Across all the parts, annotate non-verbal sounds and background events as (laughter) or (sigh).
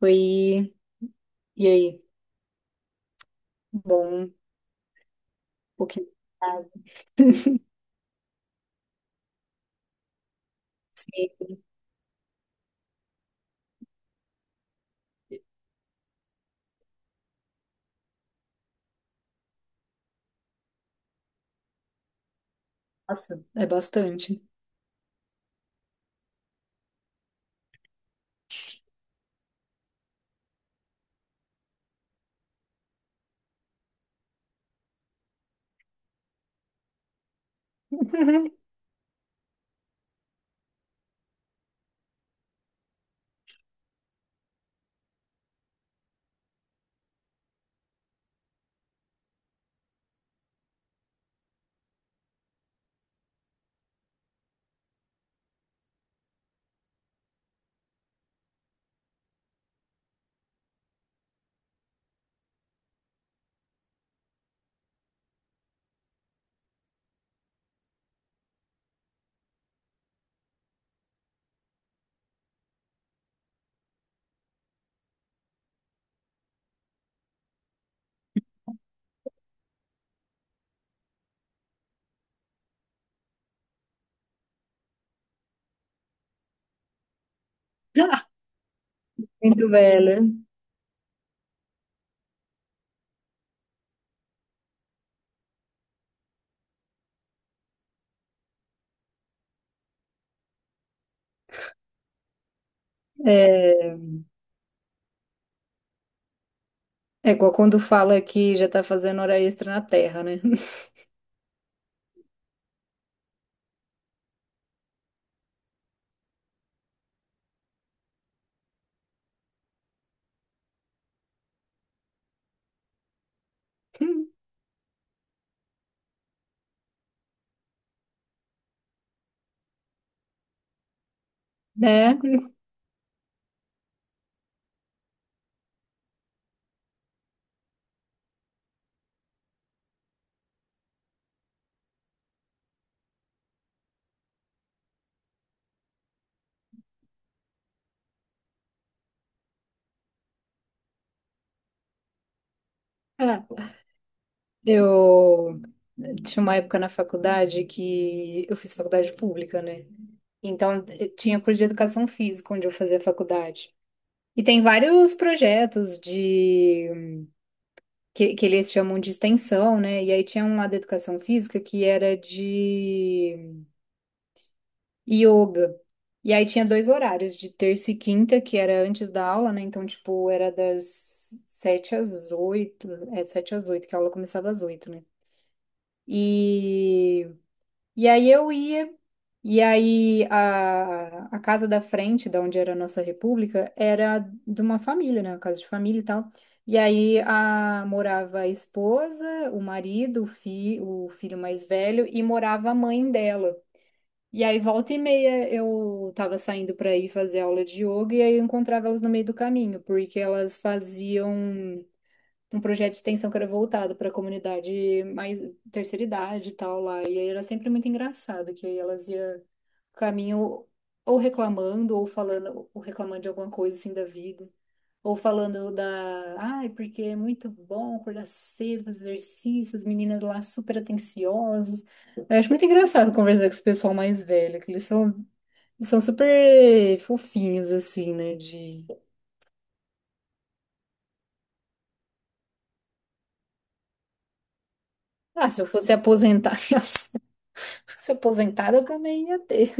Oi, e aí? Bom, um pouquinho tarde. (laughs) Sim. Nossa, é bastante. (laughs) Muito velha. É, é, igual quando fala que já tá fazendo hora extra na Terra, né? (laughs) Né? Eu tinha uma época na faculdade que eu fiz faculdade pública, né? Então eu tinha curso de educação física onde eu fazia faculdade. E tem vários projetos que eles chamam de extensão, né? E aí tinha um lá da educação física que era de yoga. E aí tinha dois horários, de terça e quinta, que era antes da aula, né? Então, tipo, era das 7 às 8, 7 às 8, que a aula começava às 8, né? E e aí eu ia, e aí a casa da frente, da onde era a nossa república, era de uma família, né? Uma casa de família e tal. E aí morava a esposa, o marido, o filho mais velho, e morava a mãe dela. E aí, volta e meia, eu tava saindo pra ir fazer aula de yoga e aí eu encontrava elas no meio do caminho, porque elas faziam um projeto de extensão que era voltado para a comunidade mais terceira idade e tal lá. E aí era sempre muito engraçado, que aí elas iam caminho ou reclamando, ou falando, ou reclamando de alguma coisa assim da vida. Ou falando da, ai, porque é muito bom acordar cedo, fazer exercícios, meninas lá super atenciosas. Eu acho muito engraçado conversar com esse pessoal mais velho, que eles são super fofinhos, assim, né? Ah, se eu fosse aposentada, (laughs) se eu fosse aposentada, eu também ia ter.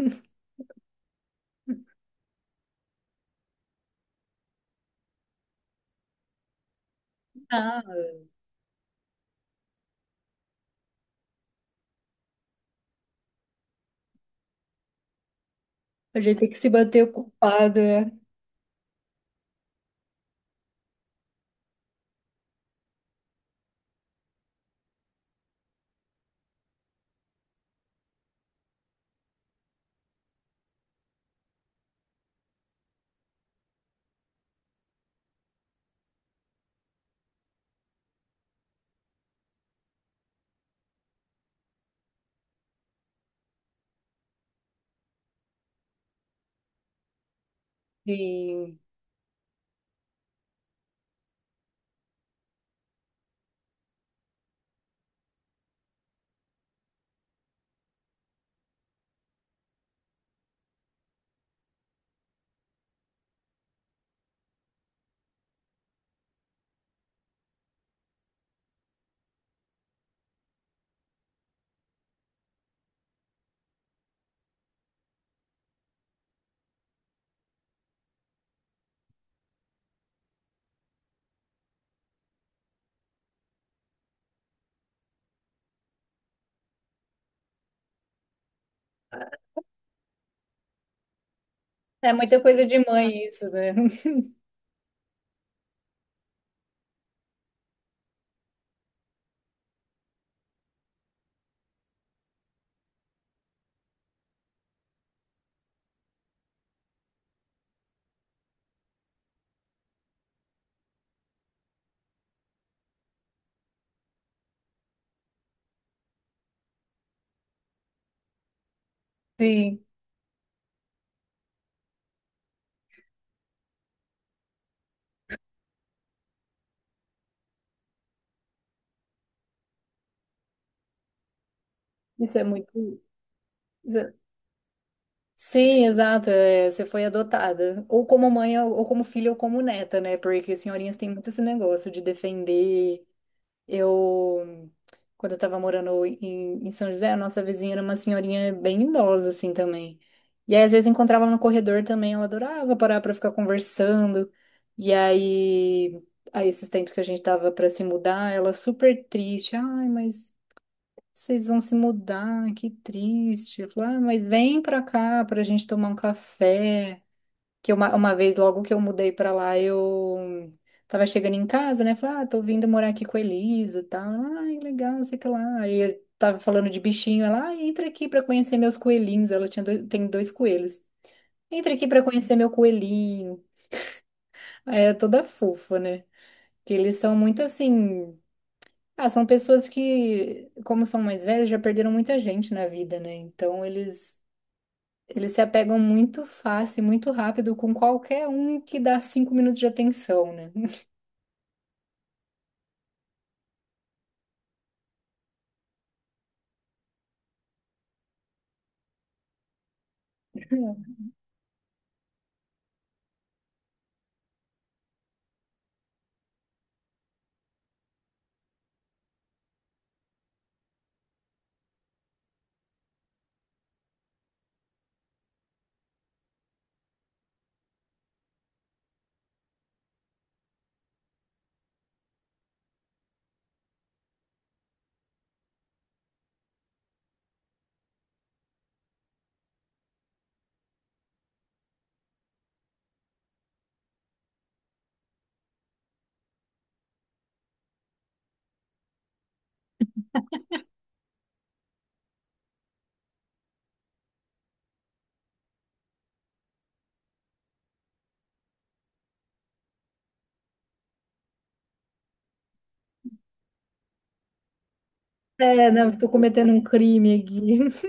Ah, a gente tem que se manter ocupado, né? Sim. É muita coisa de mãe isso, né? (laughs) Sim, isso é muito. isso é- Sim, exato. É, você foi adotada. Ou como mãe, ou como filha, ou como neta, né? Porque senhorinhas têm muito esse negócio de defender. Eu, quando eu tava morando em São José, a nossa vizinha era uma senhorinha bem idosa, assim, também. E aí, às vezes, encontrava no corredor também, ela adorava parar pra ficar conversando. E aí, esses tempos que a gente tava pra se mudar, ela super triste. Ai, mas vocês vão se mudar, que triste. Eu falei, ah, mas vem pra cá pra gente tomar um café que uma vez, logo que eu mudei pra lá, eu tava chegando em casa, né? Falei, ah, tô vindo morar aqui com a Elisa e tal. Ai, legal, não sei o que lá. Aí eu tava falando de bichinho, ela, ah, entra aqui pra conhecer meus coelhinhos. Ela tinha tem dois coelhos. Entra aqui pra conhecer meu coelhinho. Aí é toda fofa, né? Que eles são muito assim. Ah, são pessoas que, como são mais velhas, já perderam muita gente na vida, né? Então eles se apegam muito fácil, muito rápido com qualquer um que dá 5 minutos de atenção, né? É, não, estou cometendo um crime aqui.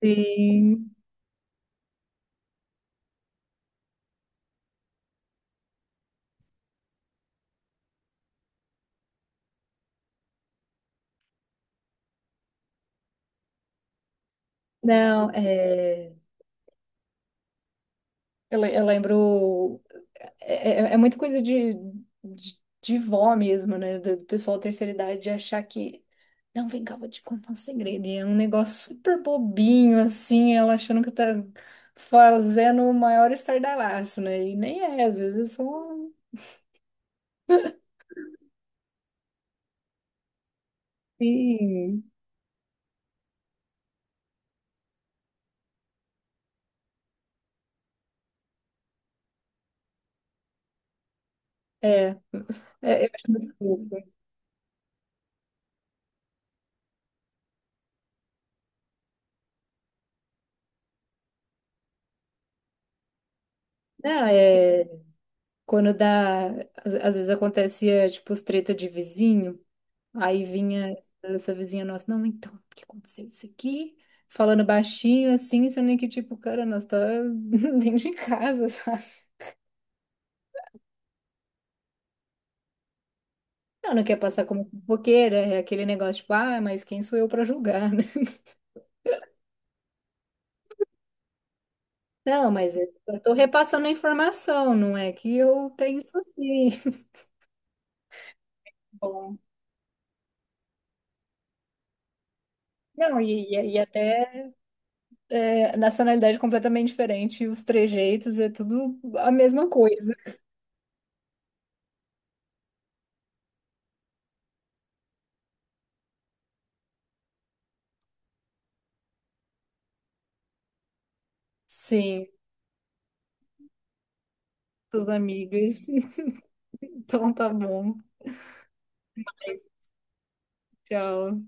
(laughs) Sim. Não, é... Eu lembro... É, é, muito coisa de vó mesmo, né? Do pessoal da terceira idade de achar que... Não, vem cá, vou te contar um segredo. E é um negócio super bobinho, assim, ela achando que tá fazendo o maior estardalhaço, né? E nem é, às vezes é só... Sim. É, é, eu acho muito fofo. Não, é, quando dá, às vezes acontecia, tipo, os treta de vizinho, aí vinha essa vizinha nossa, não, então, o que aconteceu isso aqui? Falando baixinho, assim, sendo que, tipo, cara, nós tá (laughs) dentro de casa, (laughs) sabe? Não, não quer passar como fofoqueira, é aquele negócio, tipo, ah, mas quem sou eu pra julgar, (laughs) né? Não, mas eu tô repassando a informação, não é que eu penso assim. Bom. Não, e até nacionalidade completamente diferente, os trejeitos, é tudo a mesma coisa. Sim, suas amigas. (laughs) Então tá bom. Tchau.